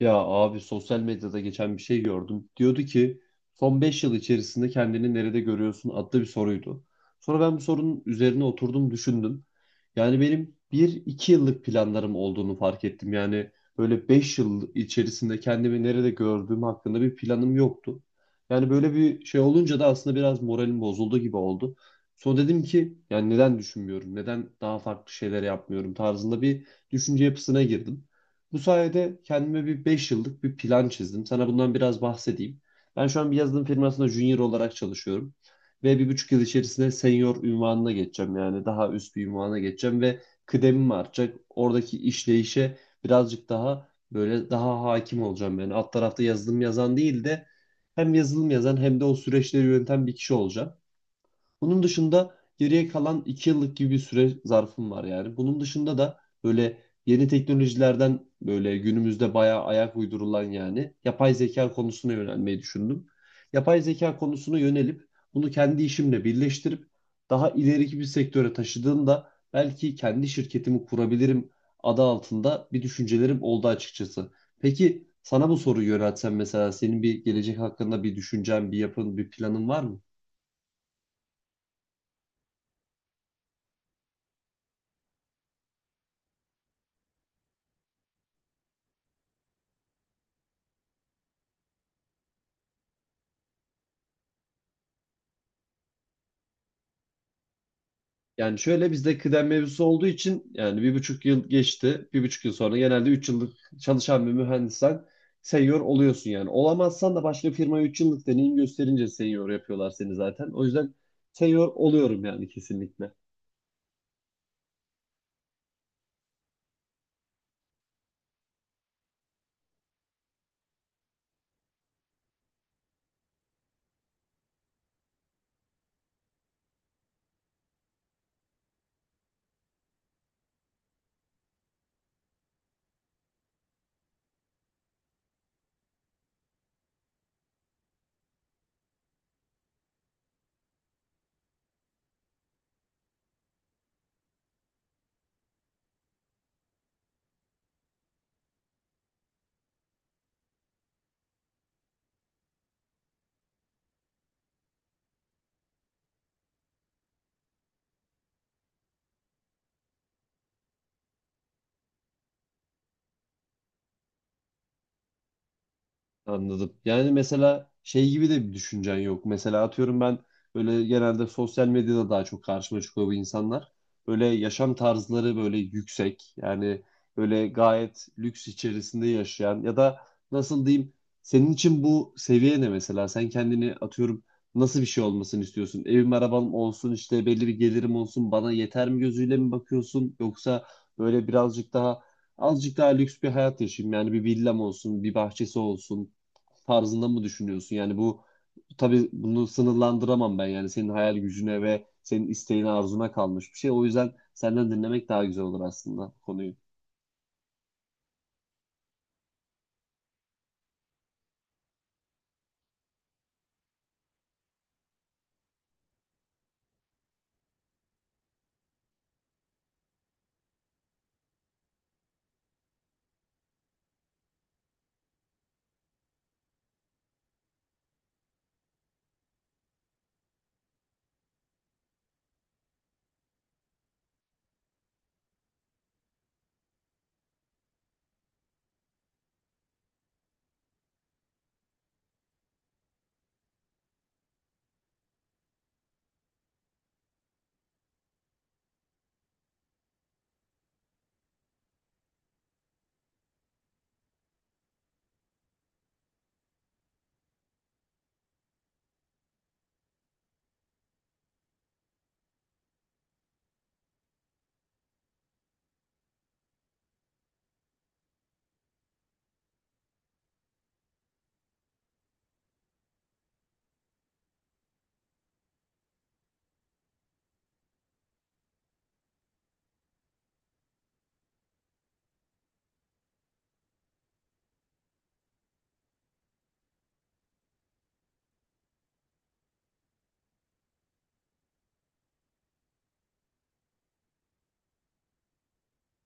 Ya abi sosyal medyada geçen bir şey gördüm. Diyordu ki son 5 yıl içerisinde kendini nerede görüyorsun adlı bir soruydu. Sonra ben bu sorunun üzerine oturdum düşündüm. Yani benim bir iki yıllık planlarım olduğunu fark ettim. Yani böyle 5 yıl içerisinde kendimi nerede gördüğüm hakkında bir planım yoktu. Yani böyle bir şey olunca da aslında biraz moralim bozuldu gibi oldu. Sonra dedim ki yani neden düşünmüyorum, neden daha farklı şeyler yapmıyorum tarzında bir düşünce yapısına girdim. Bu sayede kendime bir 5 yıllık bir plan çizdim. Sana bundan biraz bahsedeyim. Ben şu an bir yazılım firmasında junior olarak çalışıyorum. Ve 1,5 yıl içerisinde senior ünvanına geçeceğim. Yani daha üst bir ünvana geçeceğim ve kıdemim artacak. Oradaki işleyişe birazcık daha böyle daha hakim olacağım. Yani alt tarafta yazılım yazan değil de hem yazılım yazan hem de o süreçleri yöneten bir kişi olacağım. Bunun dışında geriye kalan 2 yıllık gibi bir süre zarfım var yani. Bunun dışında da böyle yeni teknolojilerden böyle günümüzde bayağı ayak uydurulan yani yapay zeka konusuna yönelmeyi düşündüm. Yapay zeka konusuna yönelip bunu kendi işimle birleştirip daha ileriki bir sektöre taşıdığımda belki kendi şirketimi kurabilirim adı altında bir düşüncelerim oldu açıkçası. Peki sana bu soruyu yöneltsem mesela senin bir gelecek hakkında bir düşüncen, bir yapın, bir planın var mı? Yani şöyle bizde kıdem mevzusu olduğu için yani 1,5 yıl geçti. 1,5 yıl sonra genelde 3 yıllık çalışan bir mühendissen senior oluyorsun yani. Olamazsan da başka firmaya 3 yıllık deneyim gösterince senior yapıyorlar seni zaten. O yüzden senior oluyorum yani kesinlikle. Anladım. Yani mesela şey gibi de bir düşüncen yok. Mesela atıyorum ben böyle genelde sosyal medyada daha çok karşıma çıkıyor bu insanlar. Böyle yaşam tarzları böyle yüksek. Yani böyle gayet lüks içerisinde yaşayan ya da nasıl diyeyim, senin için bu seviye ne mesela? Sen kendini atıyorum nasıl bir şey olmasını istiyorsun? Evim arabam olsun işte belli bir gelirim olsun bana yeter mi gözüyle mi bakıyorsun? Yoksa böyle birazcık daha azıcık daha lüks bir hayat yaşayayım. Yani bir villam olsun, bir bahçesi olsun tarzında mı düşünüyorsun? Yani bu, tabii bunu sınırlandıramam ben. Yani senin hayal gücüne ve senin isteğine, arzuna kalmış bir şey. O yüzden senden dinlemek daha güzel olur aslında konuyu.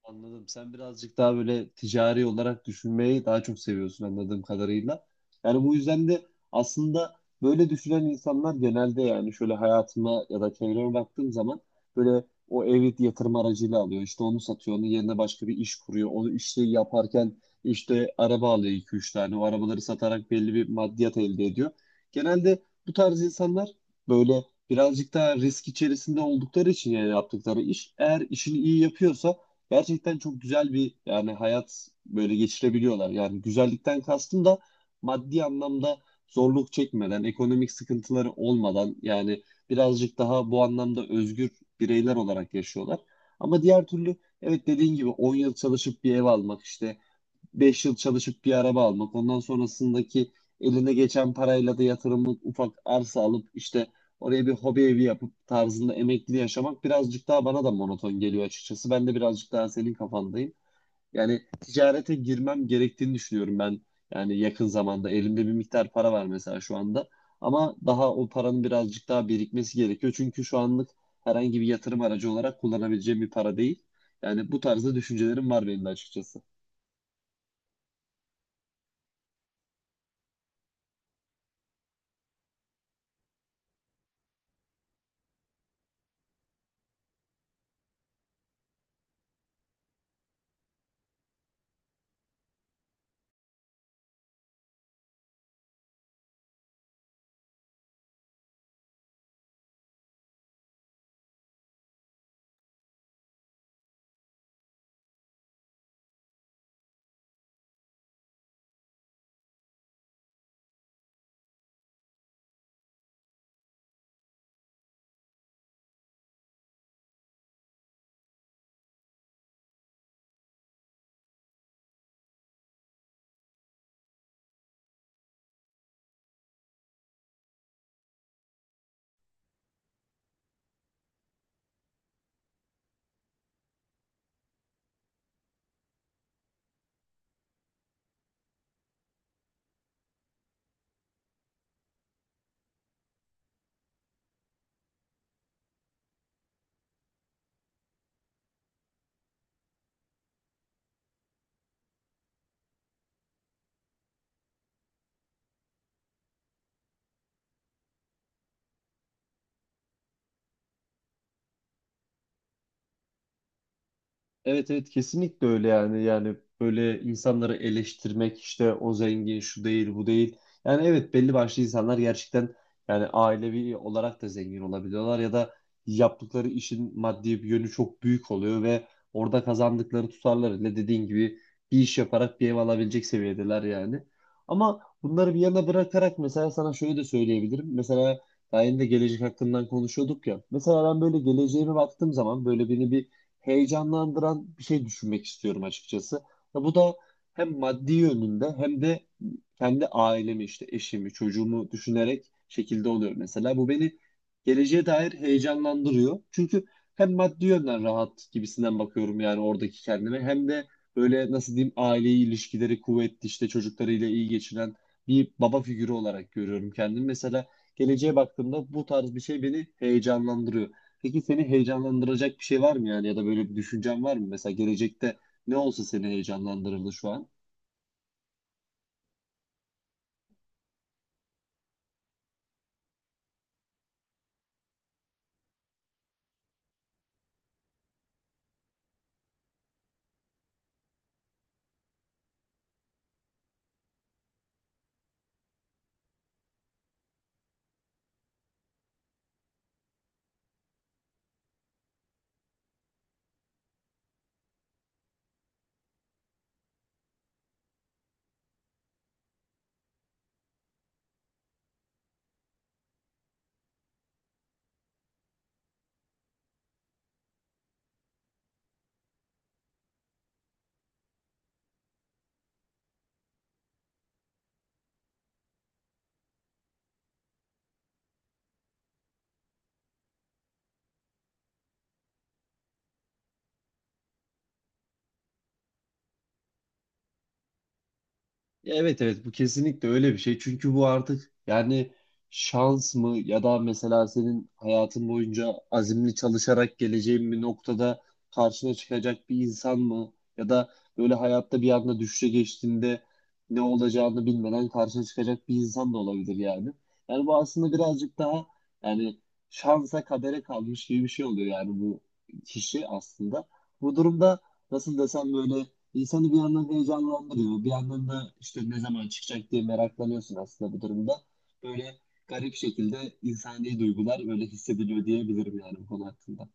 Anladım. Sen birazcık daha böyle ticari olarak düşünmeyi daha çok seviyorsun anladığım kadarıyla. Yani bu yüzden de aslında böyle düşünen insanlar genelde, yani şöyle hayatıma ya da çevreme baktığım zaman, böyle o evi yatırım aracıyla alıyor. İşte onu satıyor, onun yerine başka bir iş kuruyor. Onu işte yaparken işte araba alıyor iki 3 tane. O arabaları satarak belli bir maddiyat elde ediyor. Genelde bu tarz insanlar böyle birazcık daha risk içerisinde oldukları için yani yaptıkları iş eğer işini iyi yapıyorsa gerçekten çok güzel bir yani hayat böyle geçirebiliyorlar. Yani güzellikten kastım da maddi anlamda zorluk çekmeden, ekonomik sıkıntıları olmadan yani birazcık daha bu anlamda özgür bireyler olarak yaşıyorlar. Ama diğer türlü evet dediğin gibi 10 yıl çalışıp bir ev almak işte, 5 yıl çalışıp bir araba almak. Ondan sonrasındaki eline geçen parayla da yatırımlık ufak arsa alıp işte oraya bir hobi evi yapıp tarzında emekli yaşamak birazcık daha bana da monoton geliyor açıkçası. Ben de birazcık daha senin kafandayım. Yani ticarete girmem gerektiğini düşünüyorum ben. Yani yakın zamanda elimde bir miktar para var mesela şu anda. Ama daha o paranın birazcık daha birikmesi gerekiyor. Çünkü şu anlık herhangi bir yatırım aracı olarak kullanabileceğim bir para değil. Yani bu tarzda düşüncelerim var benim de açıkçası. Evet, evet, kesinlikle öyle yani böyle insanları eleştirmek işte o zengin şu değil bu değil, yani evet belli başlı insanlar gerçekten yani ailevi olarak da zengin olabiliyorlar ya da yaptıkları işin maddi bir yönü çok büyük oluyor ve orada kazandıkları tutarlarıyla dediğin gibi bir iş yaparak bir ev alabilecek seviyedeler yani. Ama bunları bir yana bırakarak mesela sana şöyle de söyleyebilirim: mesela daha yeni de gelecek hakkından konuşuyorduk ya, mesela ben böyle geleceğime baktığım zaman böyle beni bir heyecanlandıran bir şey düşünmek istiyorum açıkçası. Ya bu da hem maddi yönünde hem de kendi ailemi işte eşimi, çocuğumu düşünerek şekilde oluyor mesela. Bu beni geleceğe dair heyecanlandırıyor. Çünkü hem maddi yönden rahat gibisinden bakıyorum yani oradaki kendime, hem de böyle nasıl diyeyim, aileyi ilişkileri kuvvetli işte çocuklarıyla iyi geçinen bir baba figürü olarak görüyorum kendimi. Mesela geleceğe baktığımda bu tarz bir şey beni heyecanlandırıyor. Peki seni heyecanlandıracak bir şey var mı yani, ya da böyle bir düşüncen var mı? Mesela gelecekte ne olsa seni heyecanlandırırdı şu an? Ya evet, evet, bu kesinlikle öyle bir şey. Çünkü bu artık yani şans mı, ya da mesela senin hayatın boyunca azimli çalışarak geleceğin bir noktada karşına çıkacak bir insan mı, ya da böyle hayatta bir anda düşüşe geçtiğinde ne olacağını bilmeden karşına çıkacak bir insan da olabilir yani. Yani bu aslında birazcık daha yani şansa kadere kalmış gibi bir şey oluyor yani, bu kişi aslında. Bu durumda nasıl desem, böyle İnsanı bir yandan heyecanlandırıyor. Bir yandan da işte ne zaman çıkacak diye meraklanıyorsun aslında bu durumda. Böyle garip şekilde insani duygular böyle hissediliyor diyebilirim yani bu konu hakkında.